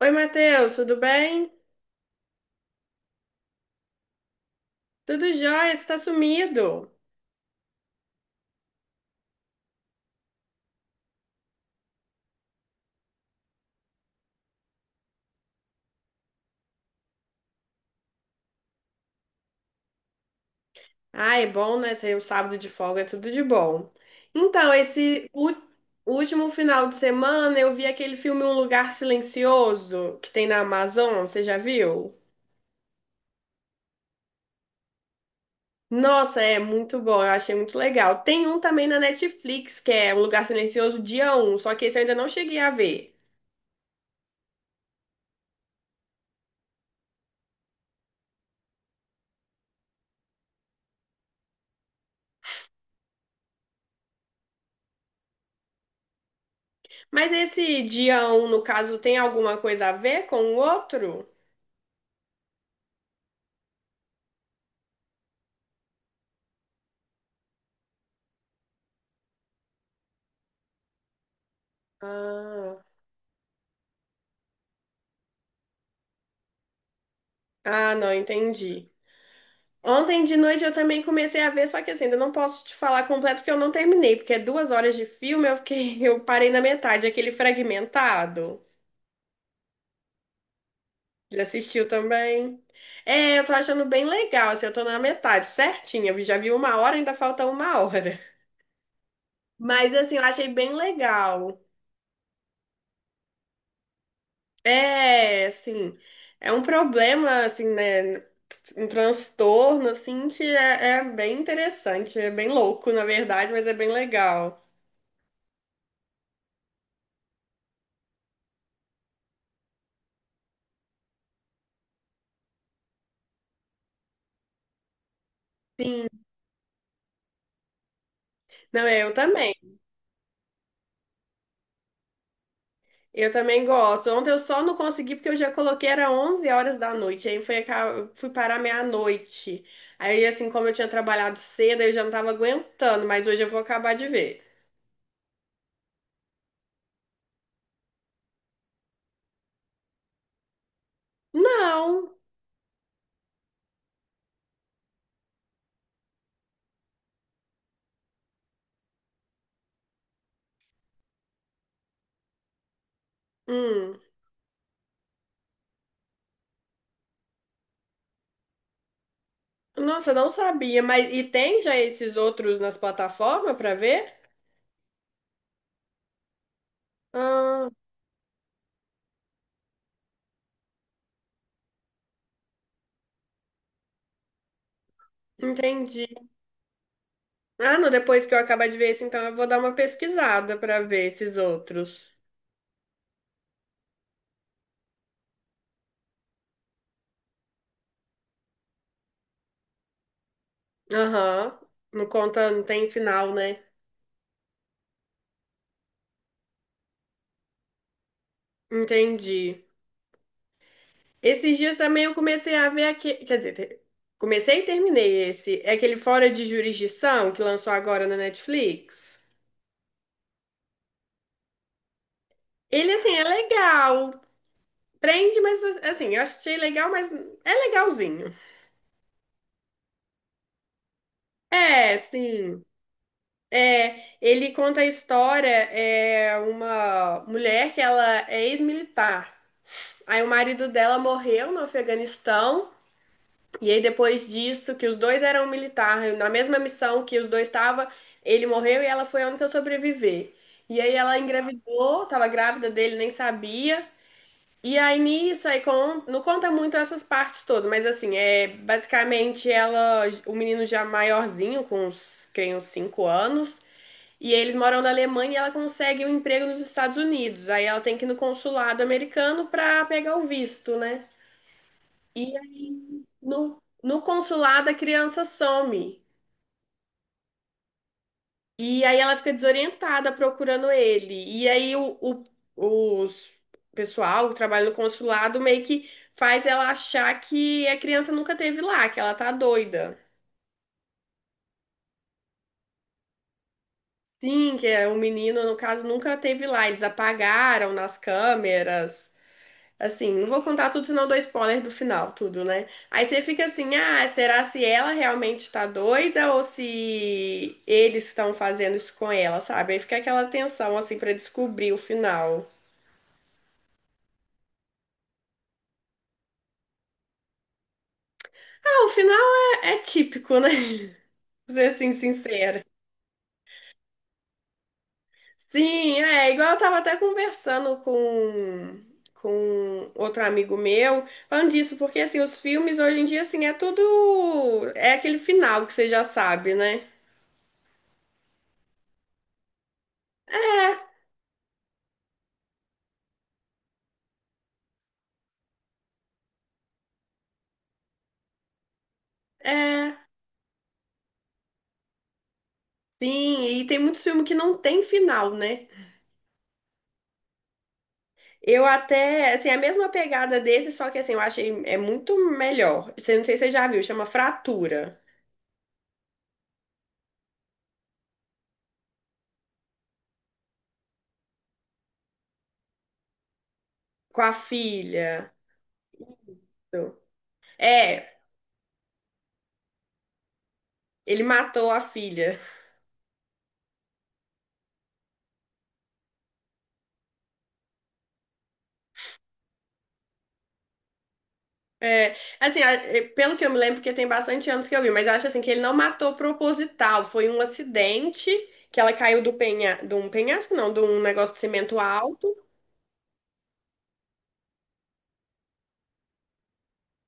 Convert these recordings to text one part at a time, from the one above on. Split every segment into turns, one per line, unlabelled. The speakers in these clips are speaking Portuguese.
Oi, Matheus, tudo bem? Tudo jóia, você tá sumido. Ah, é bom, né? Ter um sábado de folga, é tudo de bom. Então, último final de semana eu vi aquele filme Um Lugar Silencioso que tem na Amazon, você já viu? Nossa, é muito bom, eu achei muito legal. Tem um também na Netflix, que é Um Lugar Silencioso Dia Um. Só que esse eu ainda não cheguei a ver. Mas esse Dia Um, no caso, tem alguma coisa a ver com o outro? Ah, ah, não, entendi. Ontem de noite eu também comecei a ver, só que assim, ainda não posso te falar completo porque eu não terminei, porque é duas horas de filme, eu fiquei, eu parei na metade, aquele fragmentado. Já assistiu também? É, eu tô achando bem legal, assim, eu tô na metade, certinha. Eu já vi uma hora, ainda falta uma hora. Mas assim, eu achei bem legal. É, assim, é um problema, assim, né? Um transtorno, assim, que é bem interessante, é bem louco, na verdade, mas é bem legal. Não, eu também. Eu também gosto. Ontem eu só não consegui porque eu já coloquei, era 11 horas da noite. Aí foi, fui parar meia-noite. Aí, assim, como eu tinha trabalhado cedo, eu já não tava aguentando, mas hoje eu vou acabar de ver. Não. Hum. Nossa, eu não sabia. Mas e tem já esses outros nas plataformas pra ver? Ah, entendi. Ah, não, depois que eu acabar de ver esse, então eu vou dar uma pesquisada pra ver esses outros. Aham. Não conta, não tem final, né? Entendi. Esses dias também eu comecei a ver aqui, quer dizer, comecei e terminei esse, é aquele Fora de Jurisdição que lançou agora na Netflix. Ele assim é legal, prende, mas assim, eu achei legal, mas é legalzinho. É, sim. É, ele conta a história, é uma mulher que ela é ex-militar. Aí o marido dela morreu no Afeganistão. E aí, depois disso, que os dois eram militares, na mesma missão que os dois estavam, ele morreu e ela foi a única a sobreviver. E aí ela engravidou, tava grávida dele, nem sabia. E aí nisso, aí com, não conta muito essas partes todas, mas assim, é basicamente ela, o menino já maiorzinho, com uns, creio, uns 5 anos, e eles moram na Alemanha e ela consegue um emprego nos Estados Unidos. Aí ela tem que ir no consulado americano pra pegar o visto, né? E no consulado, a criança some. E aí ela fica desorientada procurando ele. E aí o os pessoal que trabalha no consulado meio que faz ela achar que a criança nunca teve lá, que ela tá doida. Sim, que é, o menino, no caso, nunca teve lá. Eles apagaram nas câmeras. Assim, não vou contar tudo, senão eu dou spoiler do final, tudo, né? Aí você fica assim, ah, será se ela realmente tá doida ou se eles estão fazendo isso com ela, sabe? Aí fica aquela tensão, assim, pra descobrir o final. Ah, o final é típico, né? Pra ser assim, sincera. Sim, é, igual eu tava até conversando com outro amigo meu, falando disso, porque, assim, os filmes hoje em dia, assim, é tudo... É aquele final que você já sabe, né? É. Sim, e tem muitos filmes que não tem final, né? Eu até, assim, a mesma pegada desse, só que assim, eu achei é muito melhor. Você não sei se você já viu, chama Fratura, com a filha. Isso. É, ele matou a filha. É, assim, é, pelo que eu me lembro, porque tem bastante anos que eu vi, mas eu acho assim que ele não matou proposital, foi um acidente que ela caiu do penha, de um penhasco, não, de um negócio de cimento alto.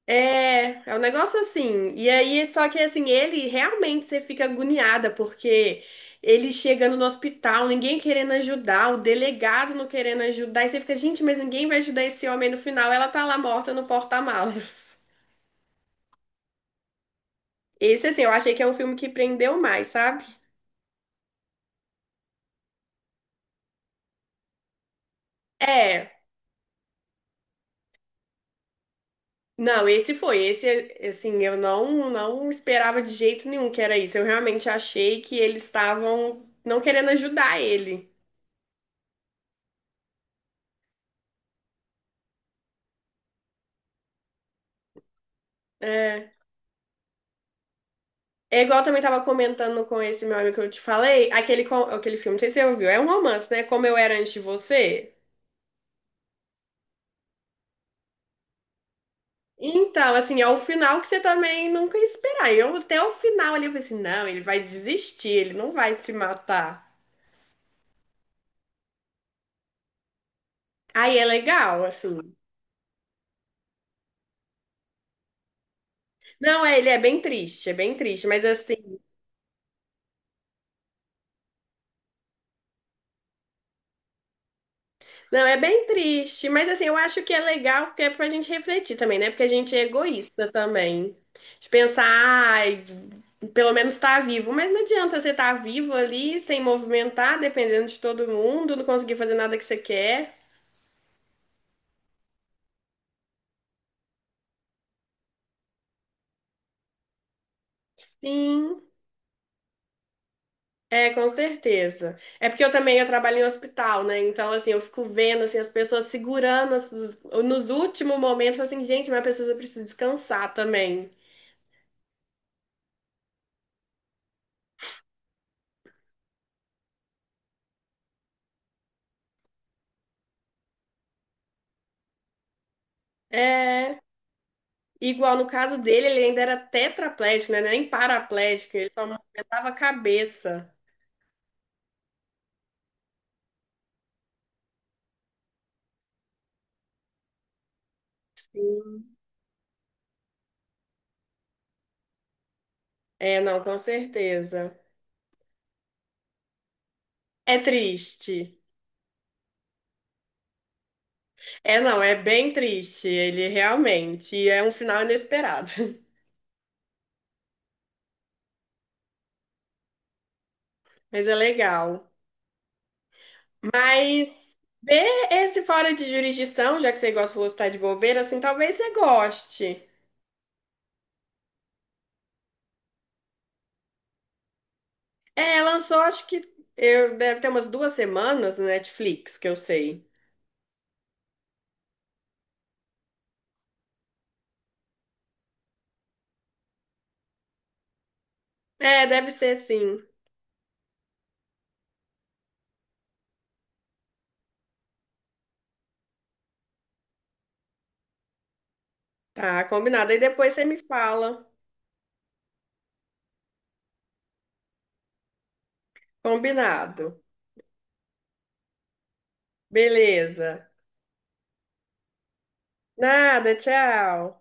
É, é um negócio assim. E aí, só que assim, ele realmente você fica agoniada, porque ele chegando no hospital, ninguém querendo ajudar, o delegado não querendo ajudar, e você fica, gente, mas ninguém vai ajudar esse homem no final, ela tá lá morta no porta-malas. Esse, assim, eu achei que é um filme que prendeu mais, sabe? É. Não, esse foi, esse, assim, eu não, não esperava de jeito nenhum que era isso. Eu realmente achei que eles estavam não querendo ajudar ele. É. É igual eu também tava comentando com esse meu amigo que eu te falei, aquele, aquele filme, não sei se você ouviu, é um romance, né? Como Eu Era Antes de Você. Então, assim, é o final que você também nunca ia esperar. Eu até o final ali eu falei assim, não, ele vai desistir, ele não vai se matar. Aí é legal, assim. Não, é, ele é bem triste, mas assim, não, é bem triste, mas assim, eu acho que é legal porque é pra gente refletir também, né? Porque a gente é egoísta também. De pensar, ai, pelo menos tá vivo, mas não adianta você estar tá vivo ali, sem movimentar, dependendo de todo mundo, não conseguir fazer nada que você quer. Sim, é, com certeza. É porque eu também eu trabalho em hospital, né? Então, assim, eu fico vendo assim, as pessoas segurando nos últimos momentos, eu falo assim, gente, mas a pessoa precisa descansar também. É. Igual no caso dele, ele ainda era tetraplégico, né? Nem paraplégico, ele só movimentava a cabeça. É, não, com certeza. É triste. É, não, é bem triste, ele realmente. E é um final inesperado. Mas é legal. Mas ver esse Fora de Jurisdição, já que você gosta, falou que tá de bobeira, assim, talvez você goste. É, lançou, acho que eu, deve ter umas duas semanas no Netflix, que eu sei. É, deve ser sim. Tá, combinado. Aí depois você me fala. Combinado. Beleza. Nada, tchau.